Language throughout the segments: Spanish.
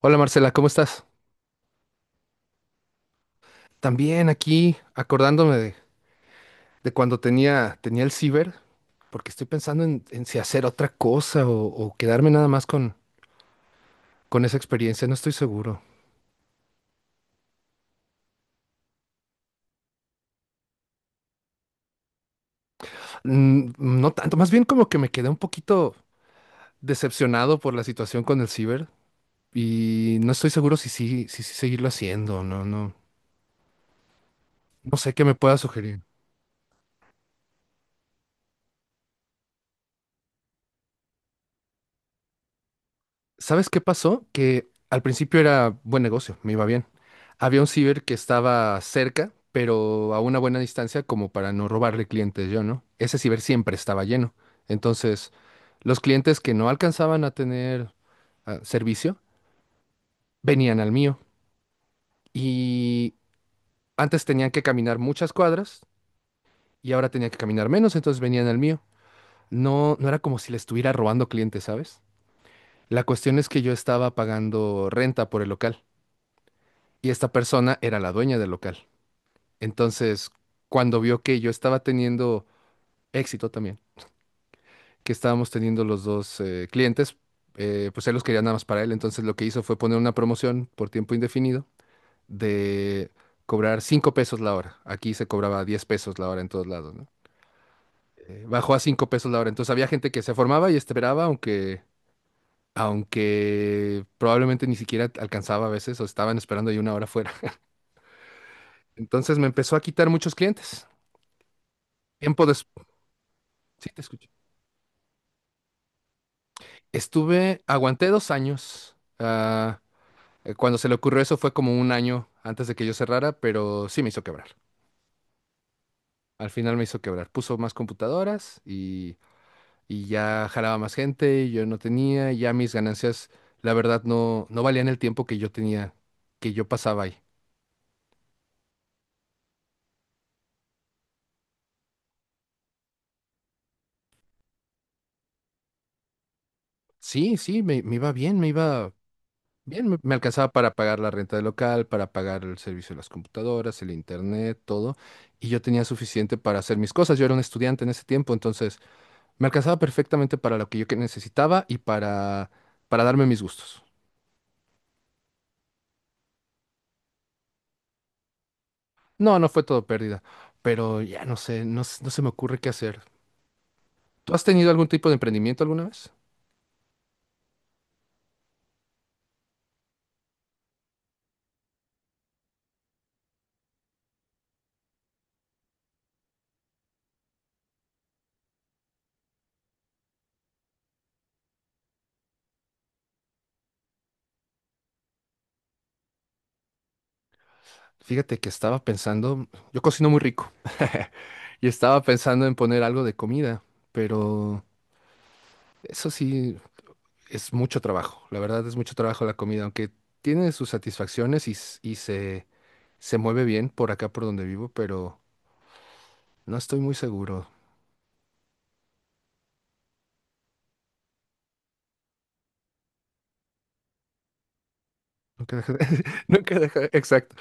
Hola Marcela, ¿cómo estás? También aquí acordándome de cuando tenía el ciber, porque estoy pensando en si hacer otra cosa o quedarme nada más con esa experiencia, no estoy seguro. No tanto, más bien como que me quedé un poquito decepcionado por la situación con el ciber y no estoy seguro si sí seguirlo haciendo, no, no, no sé qué me pueda sugerir. ¿Sabes qué pasó? Que al principio era buen negocio, me iba bien. Había un ciber que estaba cerca, pero a una buena distancia como para no robarle clientes yo, ¿no? Ese ciber siempre estaba lleno. Entonces, los clientes que no alcanzaban a tener servicio venían al mío. Y antes tenían que caminar muchas cuadras y ahora tenían que caminar menos, entonces venían al mío. No, no era como si le estuviera robando clientes, ¿sabes? La cuestión es que yo estaba pagando renta por el local. Y esta persona era la dueña del local. Entonces, cuando vio que yo estaba teniendo éxito también, que estábamos teniendo los dos clientes, pues él los quería nada más para él. Entonces, lo que hizo fue poner una promoción por tiempo indefinido de cobrar 5 pesos la hora. Aquí se cobraba 10 pesos la hora en todos lados, ¿no? Bajó a 5 pesos la hora. Entonces, había gente que se formaba y esperaba, aunque probablemente ni siquiera alcanzaba a veces o estaban esperando ahí una hora fuera. Entonces, me empezó a quitar muchos clientes. Tiempo. Sí, te escucho. Estuve, aguanté 2 años. Cuando se le ocurrió eso fue como un año antes de que yo cerrara, pero sí me hizo quebrar. Al final me hizo quebrar. Puso más computadoras y ya jalaba más gente y yo no tenía, y ya mis ganancias, la verdad, no, no valían el tiempo que yo tenía, que yo pasaba ahí. Sí, sí, me iba bien, me iba bien, me alcanzaba para pagar la renta del local, para pagar el servicio de las computadoras, el internet, todo. Y yo tenía suficiente para hacer mis cosas. Yo era un estudiante en ese tiempo, entonces me alcanzaba perfectamente para lo que yo que necesitaba y para darme mis gustos. No, no fue todo pérdida, pero ya no sé, no, no se me ocurre qué hacer. ¿Tú has tenido algún tipo de emprendimiento alguna vez? Fíjate que estaba pensando, yo cocino muy rico y estaba pensando en poner algo de comida, pero eso sí, es mucho trabajo, la verdad es mucho trabajo la comida, aunque tiene sus satisfacciones y se mueve bien por acá por donde vivo, pero no estoy muy seguro. Nunca deja, nunca deja, exacto.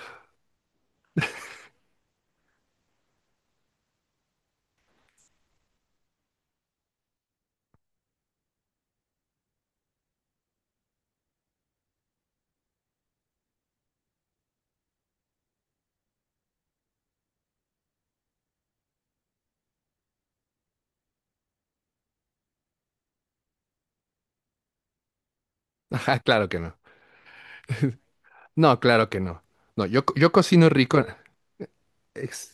Ajá, claro que no. No, claro que no. No, yo cocino rico. ex-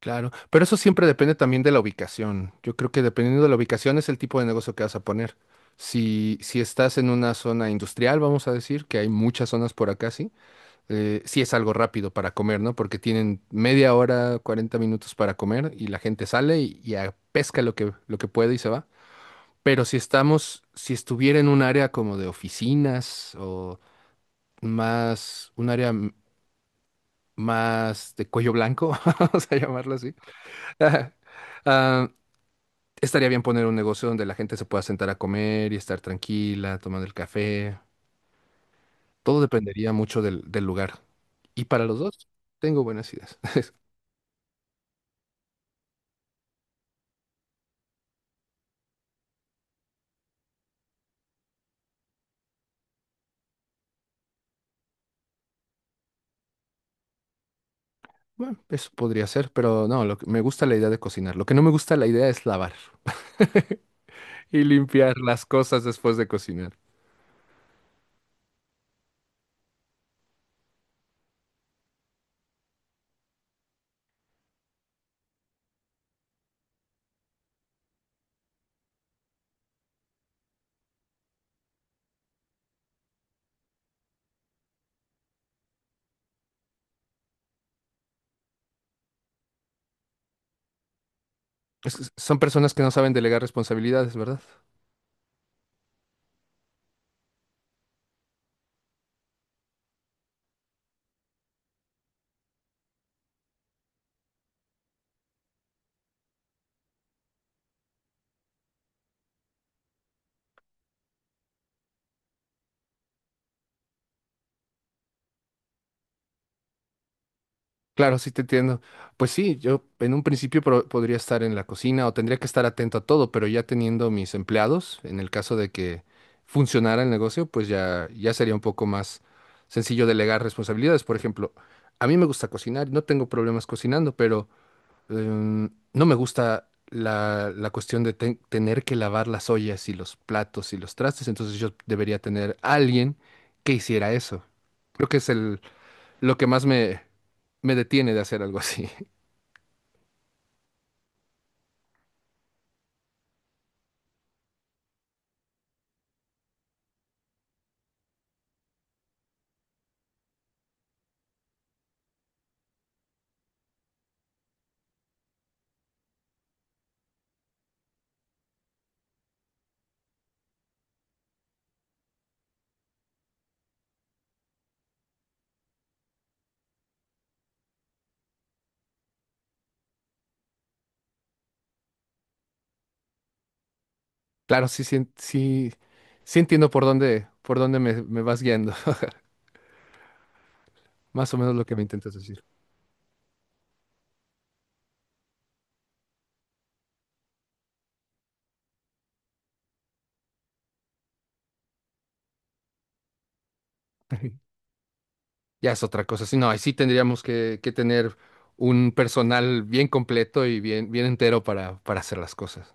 claro, pero eso siempre depende también de la ubicación. Yo creo que dependiendo de la ubicación es el tipo de negocio que vas a poner. Si, si estás en una zona industrial, vamos a decir, que hay muchas zonas por acá, sí, sí es algo rápido para comer, ¿no? Porque tienen media hora, 40 minutos para comer y la gente sale y pesca lo que puede y se va. Pero si estamos, si estuviera en un área como de oficinas o más, un área más de cuello blanco, vamos a llamarlo así, ah, estaría bien poner un negocio donde la gente se pueda sentar a comer y estar tranquila, tomando el café. Todo dependería mucho del, del lugar. Y para los dos, tengo buenas ideas. Bueno, eso podría ser, pero no, lo que, me gusta la idea de cocinar. Lo que no me gusta la idea es lavar y limpiar las cosas después de cocinar. Es que son personas que no saben delegar responsabilidades, ¿verdad? Claro, sí te entiendo. Pues sí, yo en un principio podría estar en la cocina o tendría que estar atento a todo, pero ya teniendo mis empleados, en el caso de que funcionara el negocio, pues ya, ya sería un poco más sencillo delegar responsabilidades. Por ejemplo, a mí me gusta cocinar, no tengo problemas cocinando, pero no me gusta la, la cuestión de tener que lavar las ollas y los platos y los trastes, entonces yo debería tener a alguien que hiciera eso. Creo que es el, lo que más me me detiene de hacer algo así. Claro, sí, sí, sí, sí entiendo por dónde me, me vas guiando. Más o menos lo que me intentas decir. Ya es otra cosa. Sí, no, ahí sí tendríamos que tener un personal bien completo y bien, bien entero para hacer las cosas.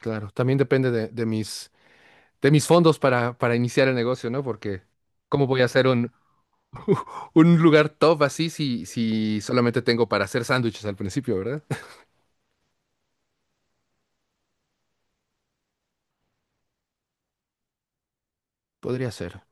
Claro, también depende de de mis fondos para iniciar el negocio, ¿no? Porque ¿cómo voy a hacer un lugar top así si, si solamente tengo para hacer sándwiches al principio, ¿verdad? Podría ser.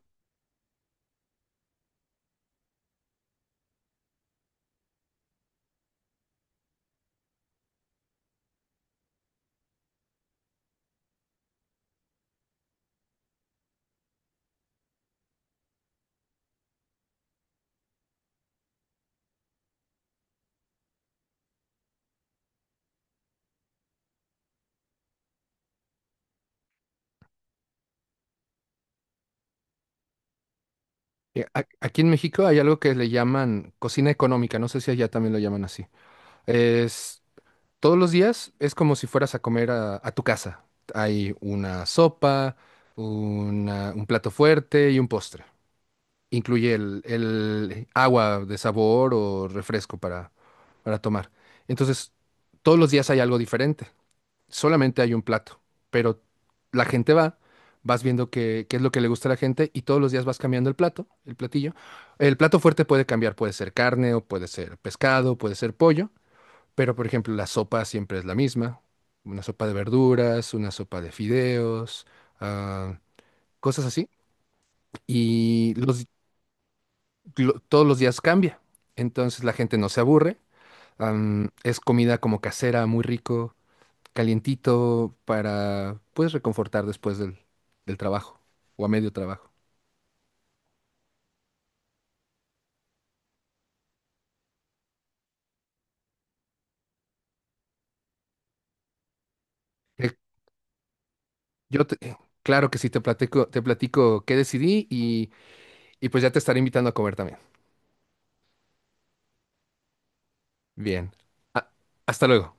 Aquí en México hay algo que le llaman cocina económica, no sé si allá también lo llaman así. Es, Todos los días es como si fueras a comer a tu casa. Hay una sopa, un plato fuerte y un postre, incluye el agua de sabor o refresco para tomar. Entonces, todos los días hay algo diferente. Solamente hay un plato, pero la gente va, vas viendo qué es lo que le gusta a la gente y todos los días vas cambiando el plato, el platillo. El plato fuerte puede cambiar, puede ser carne o puede ser pescado, puede ser pollo, pero por ejemplo, la sopa siempre es la misma. Una sopa de verduras, una sopa de fideos, ah, cosas así. Y los, Todos los días cambia. Entonces la gente no se aburre. Es comida como casera, muy rico, calientito, para pues reconfortar después del trabajo o a medio trabajo. Eh, yo te- eh, claro que sí te platico qué decidí y pues ya te estaré invitando a comer también. Bien. Ah, hasta luego.